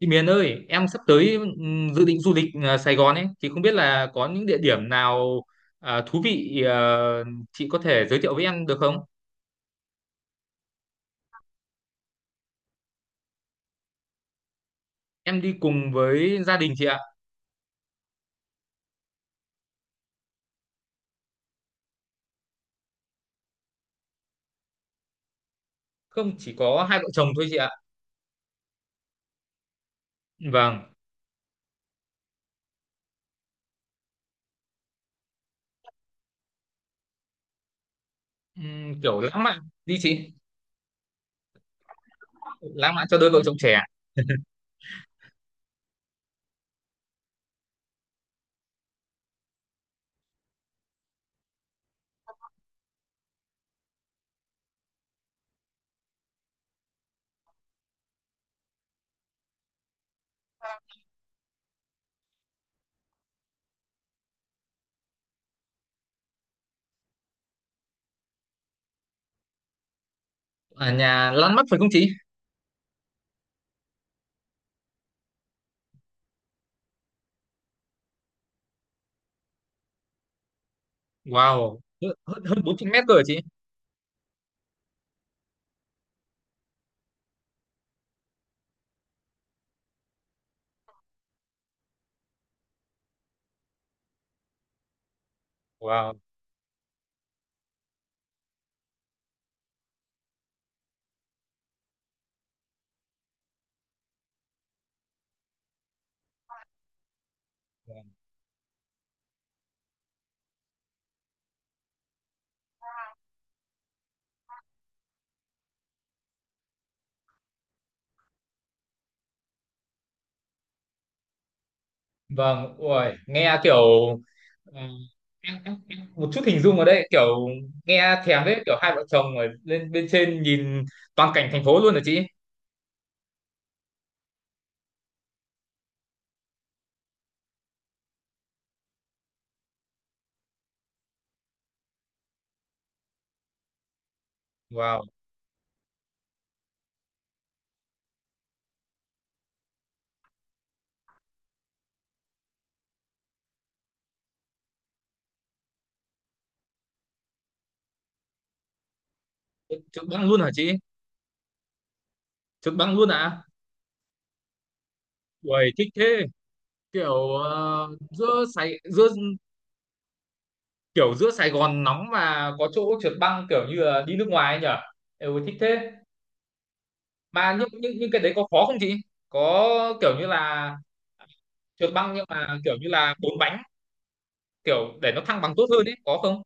Chị Miền ơi, em sắp tới dự định du lịch Sài Gòn ấy thì không biết là có những địa điểm nào thú vị chị có thể giới thiệu với em được không? Em đi cùng với gia đình chị ạ. Không chỉ có hai vợ chồng thôi chị ạ. Vâng. Kiểu lãng mạn đi chị. Lãng mạn cho đôi vợ chồng trẻ. Ở nhà lăn mắt phải không chị? Wow, hơn hơn bốn trăm mét cơ hả chị? Wow. Vâng, ui, nghe kiểu ừ, em một chút hình dung ở đây, kiểu nghe thèm đấy, kiểu hai vợ chồng ở lên bên trên nhìn toàn cảnh thành phố luôn hả chị? Wow, chụp băng luôn hả chị? Chụp băng luôn à? Ui, thích thế. Kiểu giữa kiểu giữa Sài Gòn nóng mà có chỗ trượt băng, kiểu như là đi nước ngoài ấy nhở? Ừ, thích thế. Mà những cái đấy có khó không chị? Có, kiểu như là trượt băng nhưng mà kiểu như là bốn bánh, kiểu để nó thăng bằng tốt hơn ấy, có không?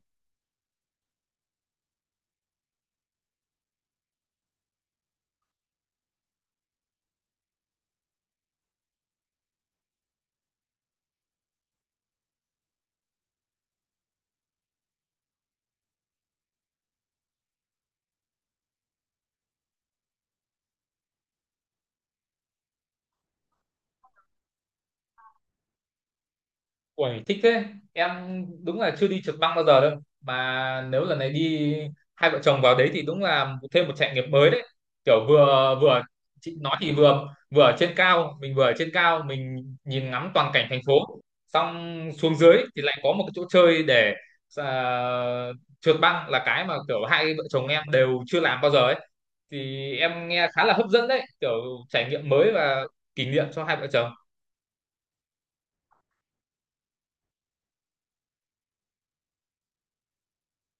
Uầy, thích thế. Em đúng là chưa đi trượt băng bao giờ đâu. Mà nếu lần này đi hai vợ chồng vào đấy thì đúng là thêm một trải nghiệm mới đấy. Kiểu vừa vừa chị nói thì vừa vừa ở trên cao, mình vừa ở trên cao mình nhìn ngắm toàn cảnh thành phố. Xong xuống dưới thì lại có một cái chỗ chơi để à, trượt băng là cái mà kiểu hai vợ chồng em đều chưa làm bao giờ ấy. Thì em nghe khá là hấp dẫn đấy, kiểu trải nghiệm mới và kỷ niệm cho hai vợ chồng.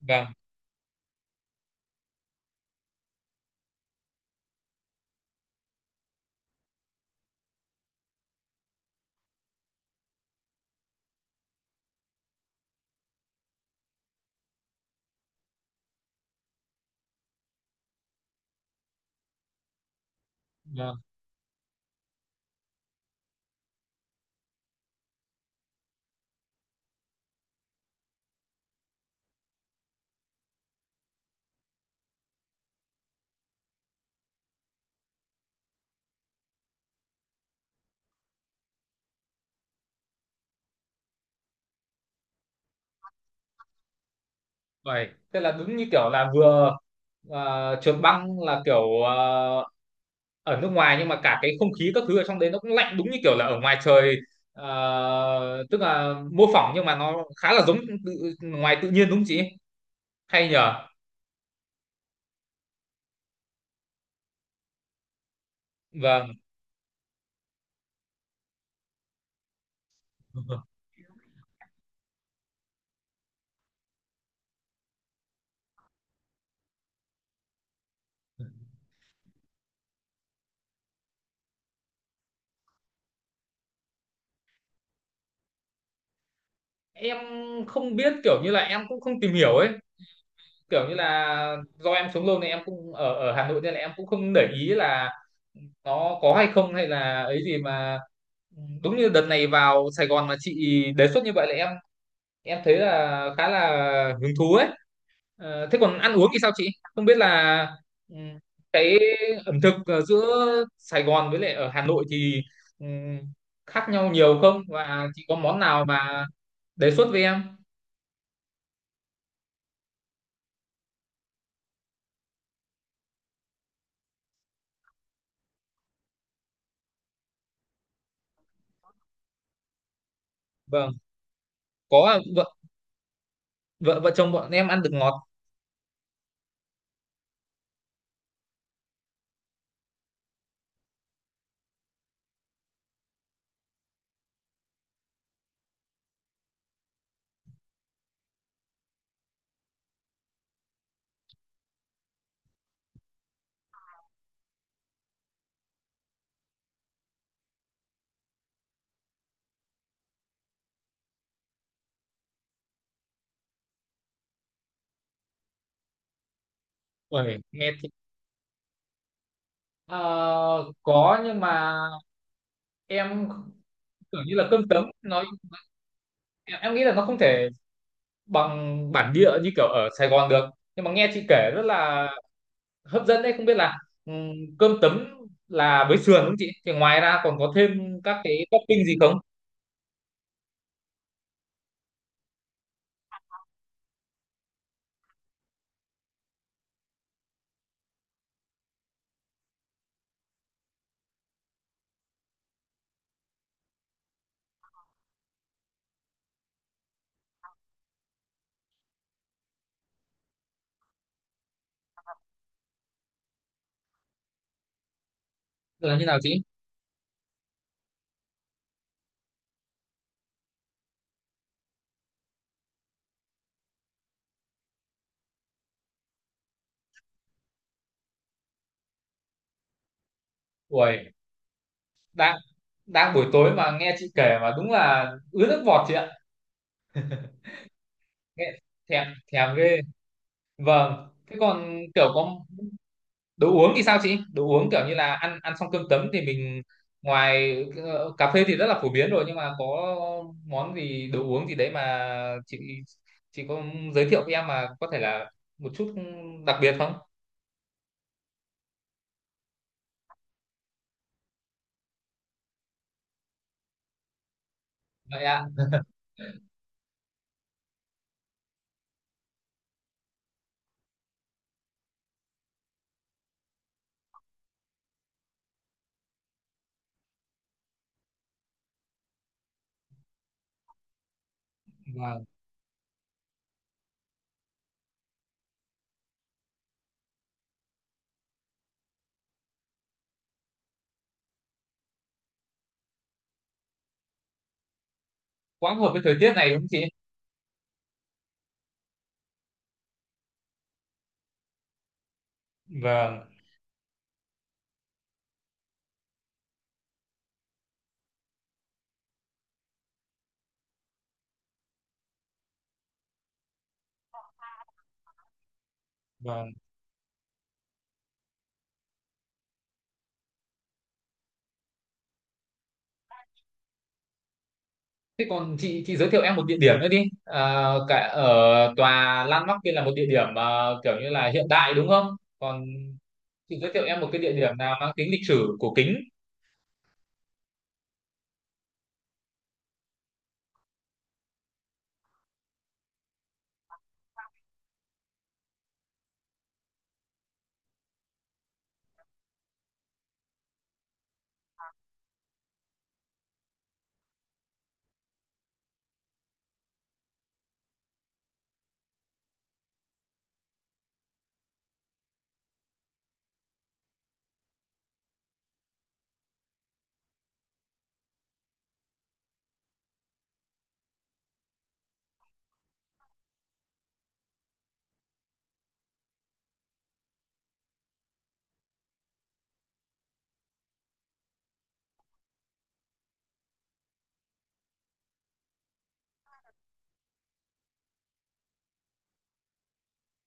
Vâng. à, Vậy, tức là đúng như kiểu là vừa trượt băng là kiểu ở nước ngoài, nhưng mà cả cái không khí các thứ ở trong đấy nó cũng lạnh đúng như kiểu là ở ngoài trời, tức là mô phỏng nhưng mà nó khá là giống tự, ngoài tự nhiên đúng không chị? Hay nhờ. Vâng. Em không biết, kiểu như là em cũng không tìm hiểu ấy, kiểu như là do em sống lâu này em cũng ở ở Hà Nội nên là em cũng không để ý là nó có hay không hay là ấy gì mà. Ừ, đúng như đợt này vào Sài Gòn mà chị đề xuất như vậy là em thấy là khá là hứng thú ấy. Ờ, thế còn ăn uống thì sao chị? Không biết là ừ, cái ẩm thực giữa Sài Gòn với lại ở Hà Nội thì ừ, khác nhau nhiều không? Và chị có món nào mà đề xuất với em? Vâng, có ạ. Vợ vợ vợ chồng bọn em ăn được ngọt. Ôi, nghe thì- Ờ, có nhưng mà em tưởng như là cơm tấm nó em nghĩ là nó không thể bằng bản địa như kiểu ở Sài Gòn được, nhưng mà nghe chị kể rất là hấp dẫn đấy. Không biết là ừm, cơm tấm là với sườn không chị, thì ngoài ra còn có thêm các cái topping gì không, là như nào chị? Ui, đang đang buổi tối mà nghe chị kể mà đúng là ứa nước bọt chị ạ, nghe thèm thèm ghê. Vâng, thế còn kiểu có đồ uống thì sao chị? Đồ uống kiểu như là ăn ăn xong cơm tấm thì mình ngoài cà phê thì rất là phổ biến rồi, nhưng mà có món gì đồ uống gì đấy mà chị chị có giới thiệu với em mà có thể là một chút đặc biệt không? Vậy ạ. Vâng, quá hợp với thời tiết này đúng không chị? Vâng vâng, thế còn chị giới thiệu em một địa điểm nữa đi, cả ở tòa Landmark kia là một địa điểm mà kiểu như là hiện đại đúng không, còn chị giới thiệu em một cái địa điểm nào mang tính lịch sử cổ kính.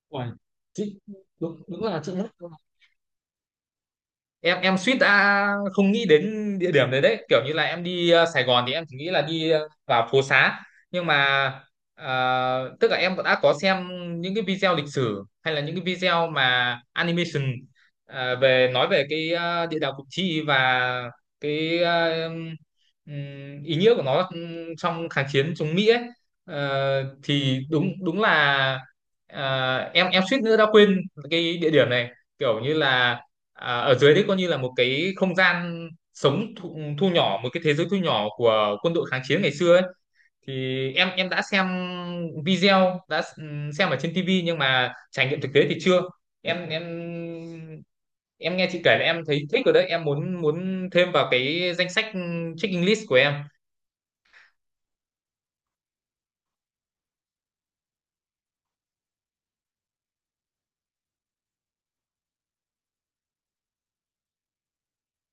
Uầy, chị đúng, đúng là chị hết em suýt đã không nghĩ đến địa điểm đấy đấy, kiểu như là em đi Sài Gòn thì em chỉ nghĩ là đi vào phố xá, nhưng mà tức là em đã có xem những cái video lịch sử hay là những cái video mà animation về nói về cái địa đạo Củ Chi và cái ý nghĩa của nó, trong kháng chiến chống Mỹ ấy. Ờ, thì đúng đúng là ờ, em suýt nữa đã quên cái địa điểm này, kiểu như là à, ở dưới đấy coi như là một cái không gian sống thu nhỏ, một cái thế giới thu nhỏ của quân đội kháng chiến ngày xưa ấy. Thì em đã xem video, đã xem ở trên TV nhưng mà trải nghiệm thực tế thì chưa. Em em em nghe chị kể là em thấy thích rồi đấy, em muốn muốn thêm vào cái danh sách checking list của em.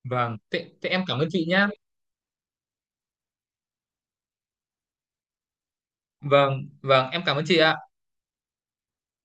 Vâng thế, thế em cảm ơn chị nhá. Vâng vâng, em cảm ơn chị ạ.